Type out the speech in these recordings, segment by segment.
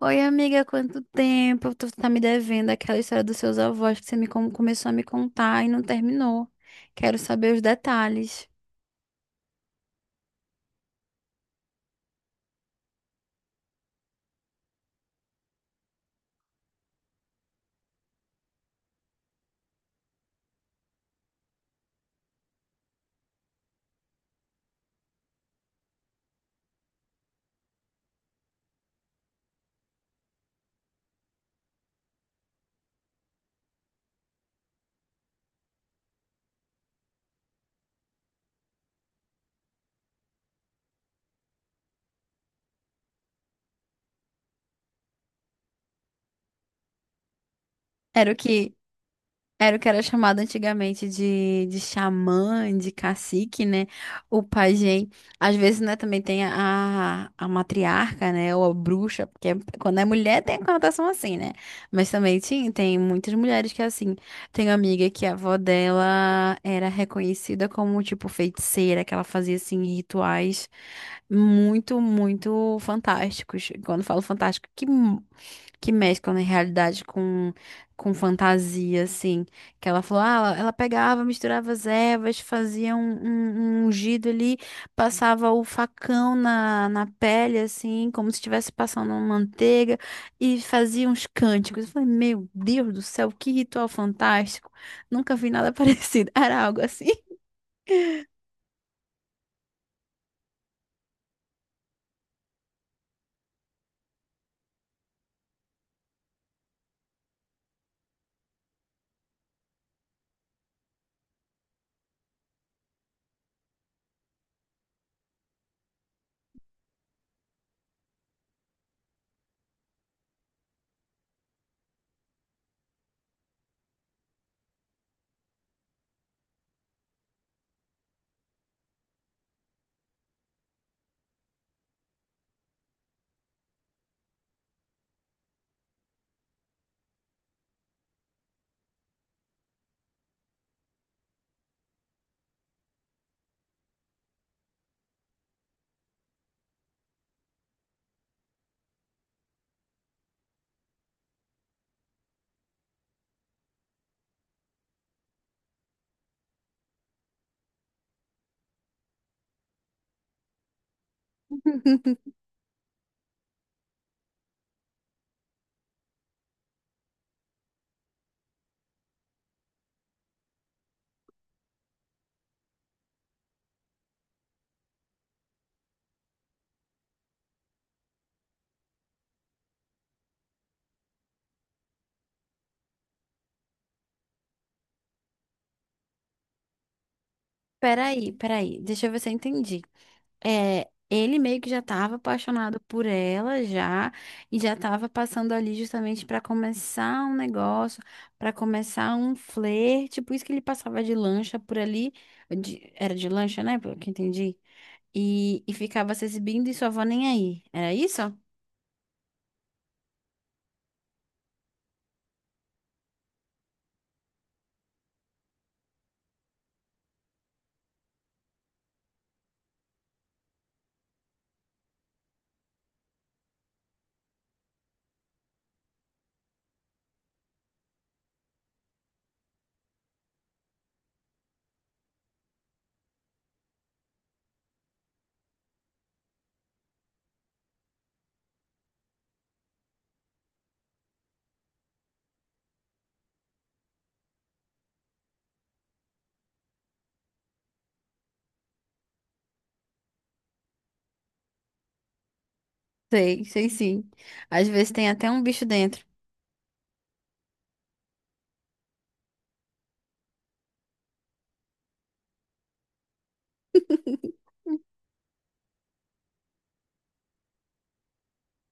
Oi, amiga, quanto tempo? Tu tá me devendo aquela história dos seus avós que você começou a me contar e não terminou. Quero saber os detalhes. Era o quê? Era o que era chamado antigamente de xamã, de cacique, né? O pajem. Às vezes, né, também tem a matriarca, né? Ou a bruxa, porque quando é mulher tem a conotação assim, né? Mas também tinha, tem muitas mulheres que é assim. Tem uma amiga que a avó dela era reconhecida como, tipo, feiticeira, que ela fazia, assim, rituais muito, muito fantásticos. Quando falo fantástico, que mesclam, na realidade, com fantasia, assim. Que ela falou, ah, ela pegava, misturava as ervas, fazia um ungido ali, passava o facão na pele, assim, como se estivesse passando uma manteiga, e fazia uns cânticos. Eu falei, meu Deus do céu, que ritual fantástico. Nunca vi nada parecido. Era algo assim. Peraí, peraí, deixa eu ver se eu entendi. É, ele meio que já estava apaixonado por ela já e já estava passando ali justamente para começar um negócio, para começar um flerte, por isso que ele passava de lancha por ali, era de lancha, né, pelo que eu entendi, e ficava se exibindo e sua avó nem aí. Era isso? Sei, sei sim. Às vezes tem até um bicho dentro.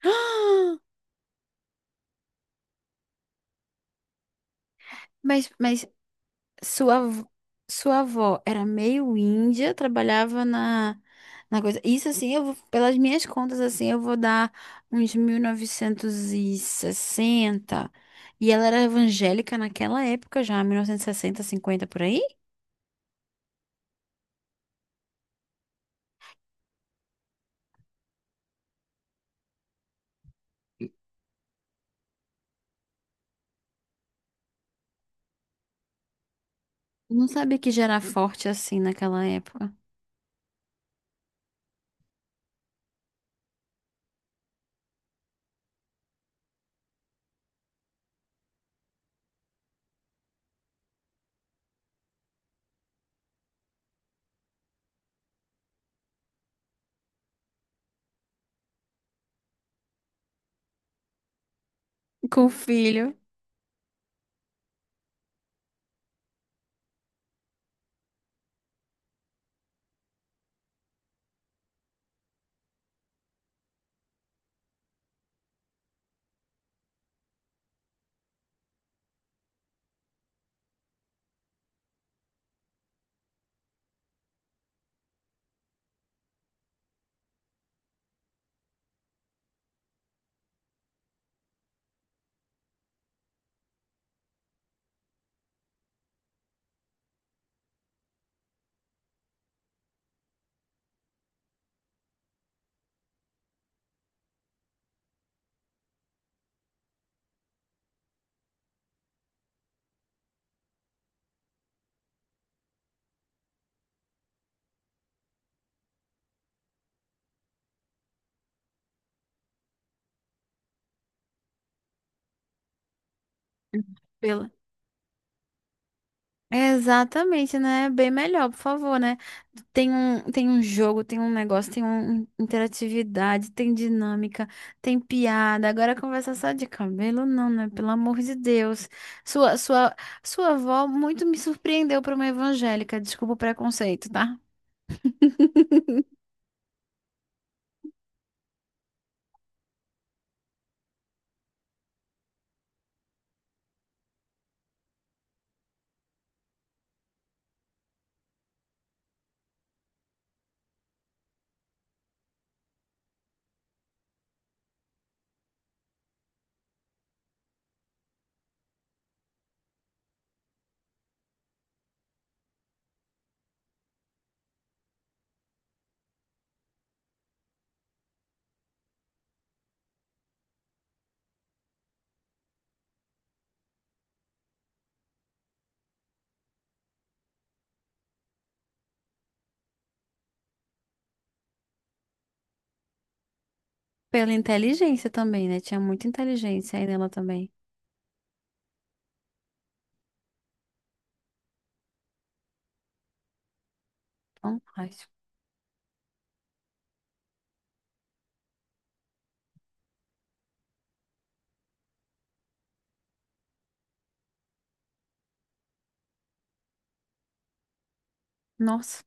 Mas Sua, avó- sua avó era meio índia, trabalhava na coisa. Isso assim, eu vou, pelas minhas contas, assim, eu vou dar uns 1960 e ela era evangélica naquela época já, 1960, 1950 por aí? Não sabia que já era forte assim naquela época. Com o filho. Pelo, é, exatamente, né? Bem melhor, por favor, né? Tem um jogo, tem um negócio, tem um, interatividade, tem dinâmica, tem piada. Agora conversa é só de cabelo, não, né? Pelo amor de Deus. Sua, sua, sua avó muito me surpreendeu para uma evangélica. Desculpa o preconceito, tá? Pela inteligência também, né? Tinha muita inteligência aí nela também. Então, ai, nossa,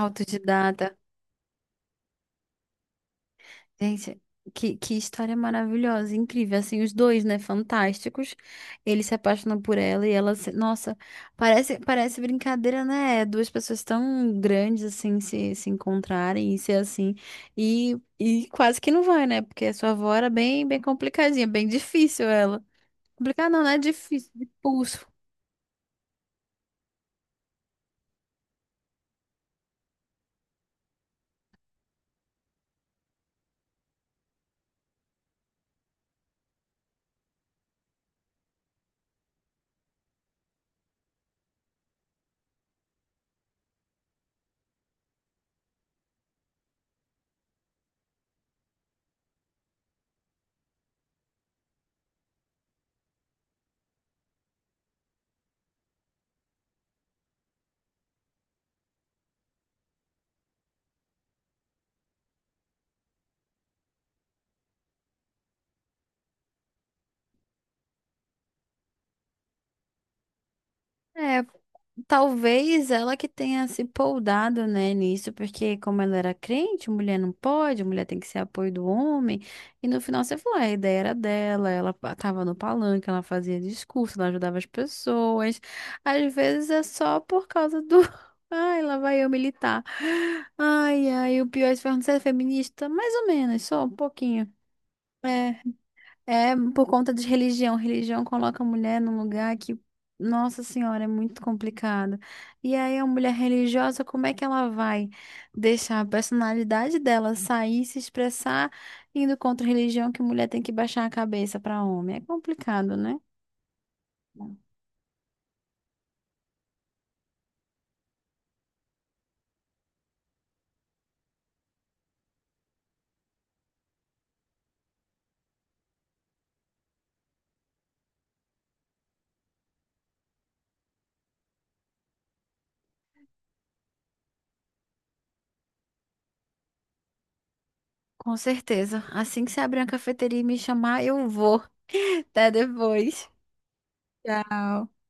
autodidata. Gente, que história maravilhosa, incrível. Assim, os dois, né? Fantásticos. Ele se apaixona por ela e ela se... Nossa, parece, parece brincadeira, né? É duas pessoas tão grandes, assim, se encontrarem e ser assim. E quase que não vai, né? Porque a sua avó era bem, bem complicadinha, bem difícil ela. Complicada não, né? Difícil, de pulso. É, talvez ela que tenha se poldado, né, nisso, porque como ela era crente, mulher não pode, mulher tem que ser apoio do homem. E no final você falou, "Ah, a ideia era dela, ela tava no palanque, ela fazia discurso, ela ajudava as pessoas. Às vezes é só por causa do. Ai, lá vai eu militar. Ai, ai, o pior é se perguntar, você é feminista? Mais ou menos, só um pouquinho. É. É por conta de religião. Religião coloca a mulher num lugar que, nossa senhora, é muito complicado. E aí, a mulher religiosa, como é que ela vai deixar a personalidade dela sair, se expressar, indo contra a religião que mulher tem que baixar a cabeça para homem? É complicado, né? Com certeza. Assim que você abrir uma cafeteria e me chamar, eu vou. Até depois. Tchau.